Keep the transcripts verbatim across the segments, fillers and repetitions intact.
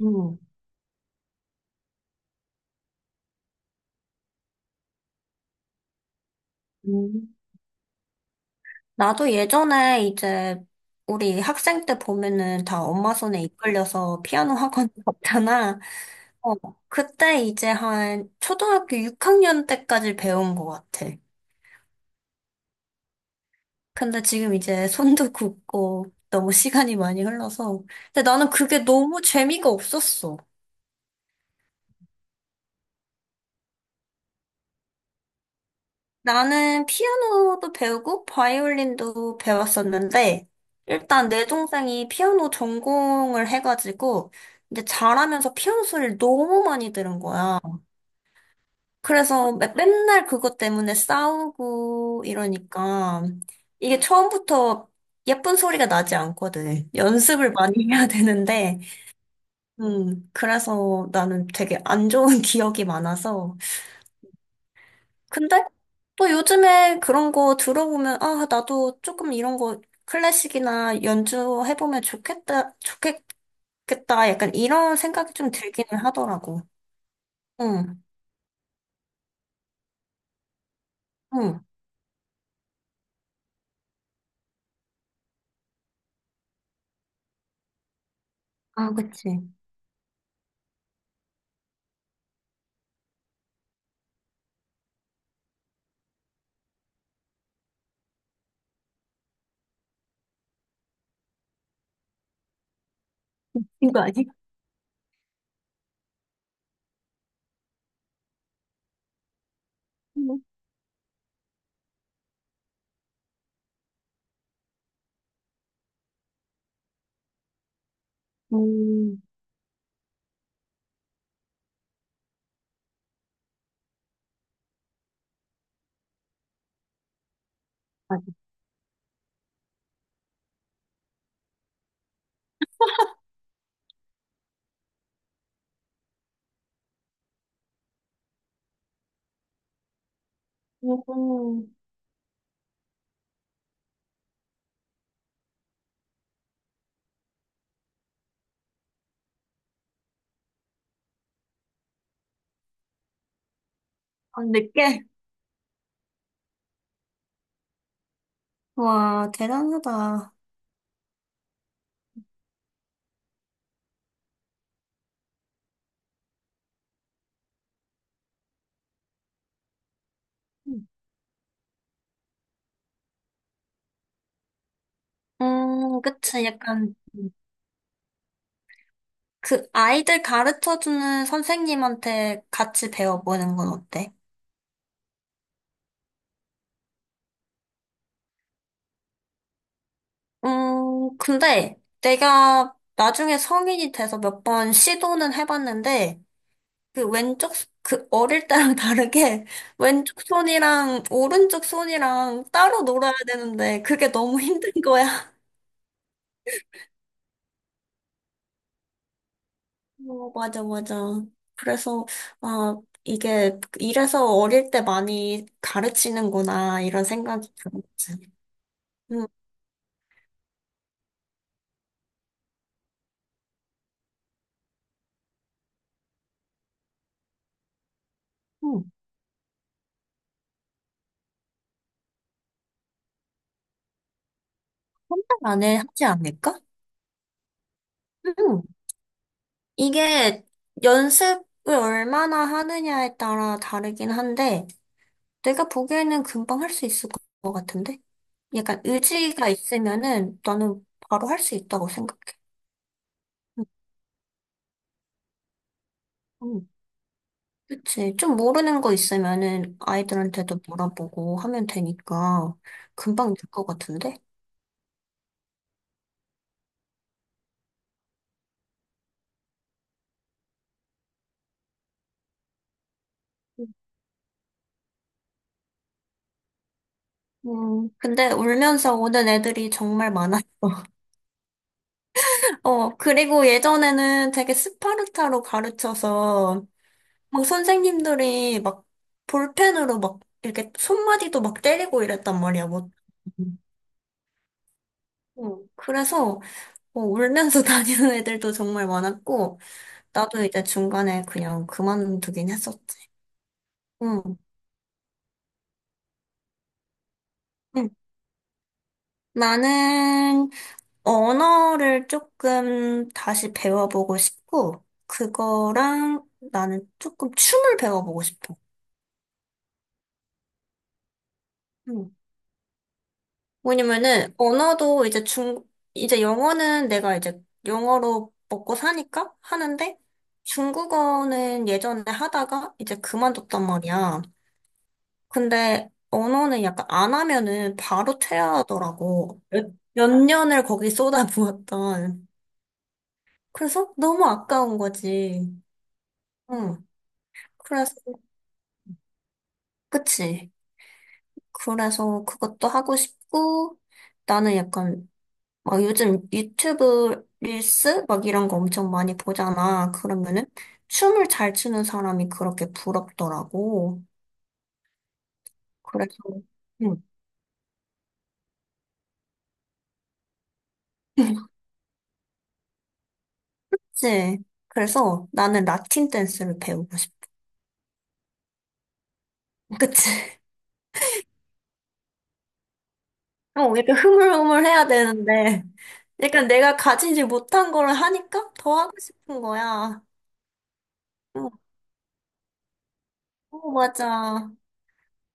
음, 음. 나도 예전에 이제 우리 학생 때 보면은 다 엄마 손에 이끌려서 피아노 학원 갔잖아. 어, 그때 이제 한 초등학교 육 학년 때까지 배운 것 같아. 근데 지금 이제 손도 굳고 너무 시간이 많이 흘러서. 근데 나는 그게 너무 재미가 없었어. 나는 피아노도 배우고 바이올린도 배웠었는데, 일단 내 동생이 피아노 전공을 해가지고, 이제 잘하면서 피아노 소리를 너무 많이 들은 거야. 그래서 매- 맨날 그것 때문에 싸우고 이러니까, 이게 처음부터 예쁜 소리가 나지 않거든. 연습을 많이 해야 되는데, 음, 그래서 나는 되게 안 좋은 기억이 많아서, 근데 또 요즘에 그런 거 들어보면, 아, 나도 조금 이런 거 클래식이나 연주해보면 좋겠다, 좋겠겠다. 약간 이런 생각이 좀 들기는 하더라고. 응, 응. 아, 그치. 이거 아직? 응. 음, 아직. 음, 아, 늦게? 와, 대단하다. 음, 음, 그치. 약간 그 아이들 가르쳐주는 선생님한테 같이 배워보는 건 어때? 음, 근데 내가 나중에 성인이 돼서 몇 번 시도는 해봤는데, 그 왼쪽, 손- 그 어릴 때랑 다르게 왼쪽 손이랑 오른쪽 손이랑 따로 놀아야 되는데, 그게 너무 힘든 거야. 어, 맞아, 맞아. 그래서, 아, 이게, 이래서 어릴 때 많이 가르치는구나, 이런 생각이 들었지. 음, 음, 혼자 안에 하지 않을까? 음. 이게 연습을 얼마나 하느냐에 따라 다르긴 한데, 내가 보기에는 금방 할 수 있을 것 같은데? 약간 의지가 있으면은 나는 바로 할 수 있다고 생각해. 음, 음. 그치. 좀 모르는 거 있으면은 아이들한테도 물어보고 하면 되니까 금방 될 것 같은데? 음, 근데 울면서 오는 애들이 정말 많아. 어, 그리고 예전에는 되게 스파르타로 가르쳐서 막 선생님들이 막 볼펜으로 막 이렇게 손마디도 막 때리고 이랬단 말이야. 뭐. 어, 그래서 어, 울면서 다니는 애들도 정말 많았고 나도 이제 중간에 그냥 그만두긴 했었지. 응, 응. 나는 언어를 조금 다시 배워보고 싶고 그거랑 나는 조금 춤을 배워보고 싶어. 응. 왜냐면은 언어도 이제 중 이제 영어는 내가 이제 영어로 먹고 사니까 하는데 중국어는 예전에 하다가 이제 그만뒀단 말이야. 근데 언어는 약간 안 하면은 바로 퇴화하더라고. 몇, 몇 년을 거기 쏟아부었던. 그래서 너무 아까운 거지. 응. 그래서 그치. 그래서 그것도 하고 싶고 나는 약간 막 요즘 유튜브 릴스 막 이런 거 엄청 많이 보잖아. 그러면은 춤을 잘 추는 사람이 그렇게 부럽더라고. 그래서 응. 그치. 그래서 나는 라틴 댄스를 배우고 싶어. 그치? 어, 약간 흐물흐물해야 되는데 약간 내가 가지지 못한 거를 하니까 더 하고 싶은 거야. 응. 어, 맞아.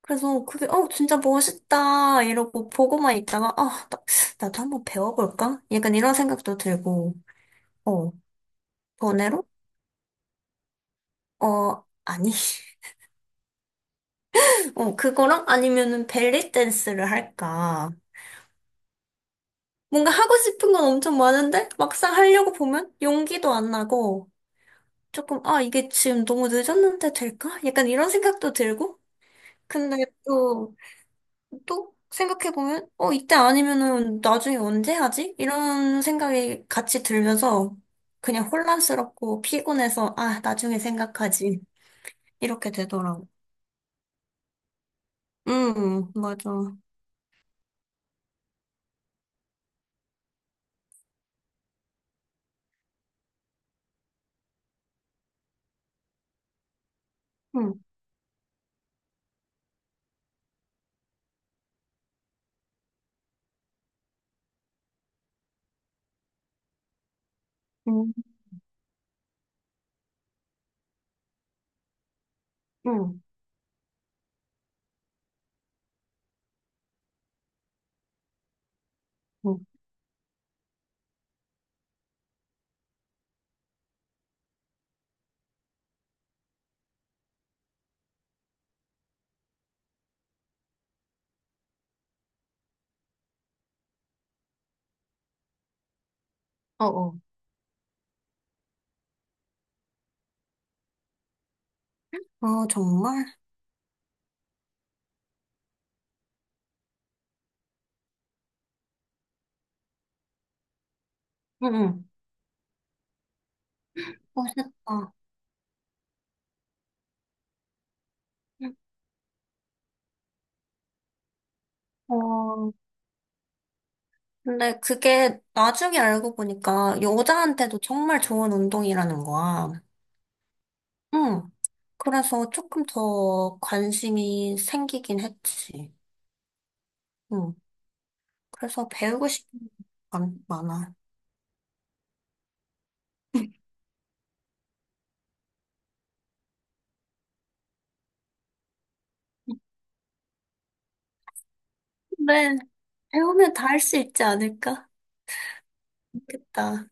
그래서 그게 어 진짜 멋있다 이러고 보고만 있다가 아 나- 나도 한번 배워볼까? 약간 이런 생각도 들고. 어, 번외로? 어, 아니. 어, 그거랑 아니면은 벨리 댄스를 할까. 뭔가 하고 싶은 건 엄청 많은데 막상 하려고 보면 용기도 안 나고 조금 아, 이게 지금 너무 늦었는데 될까? 약간 이런 생각도 들고. 근데 또, 또 생각해보면 어, 이때 아니면은 나중에 언제 하지? 이런 생각이 같이 들면서 그냥 혼란스럽고 피곤해서 아, 나중에 생각하지. 이렇게 되더라고. 음, 맞아. 음. 음. 응, 응, 어, 어, 아, 정말? 응, 응. 멋있다. 응. 어, 근데 그게 나중에 알고 보니까 여자한테도 정말 좋은 운동이라는 거야. 응. 그래서 조금 더 관심이 생기긴 했지. 응. 그래서 배우고 싶은 게 많- 많아. 네. 배우면 다 할 수 있지 않을까? 좋겠다.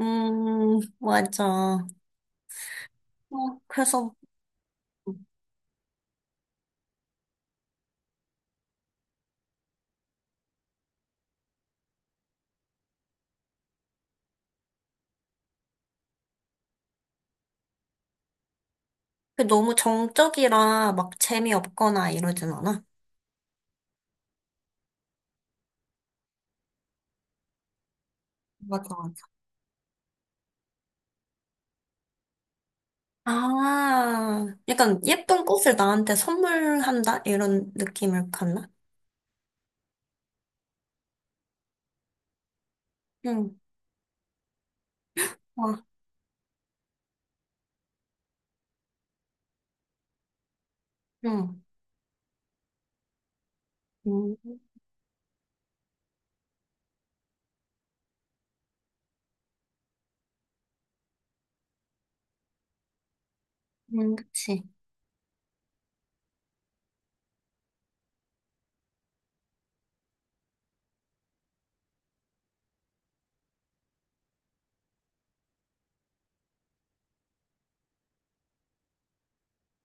음, 맞아. 어, 그래서 그 너무 정적이라 막 재미없거나 이러진 않아. 맞아, 맞아. 아, 약간 예쁜 꽃을 나한테 선물한다? 이런 느낌을 갖나? 응, 와, 응, 응, 응, 그치.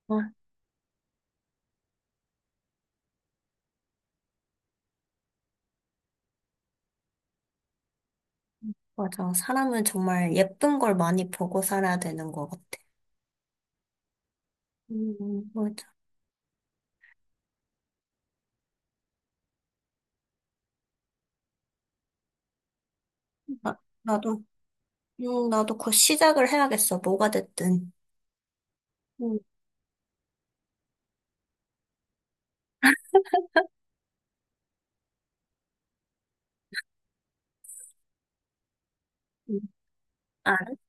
와, 맞아. 사람은 정말 예쁜 걸 많이 보고 살아야 되는 것 같아. 응, 맞아. 나, 나도, 응, 나도 곧 시작을 해야겠어. 뭐가 됐든. 응, 응. 알았어.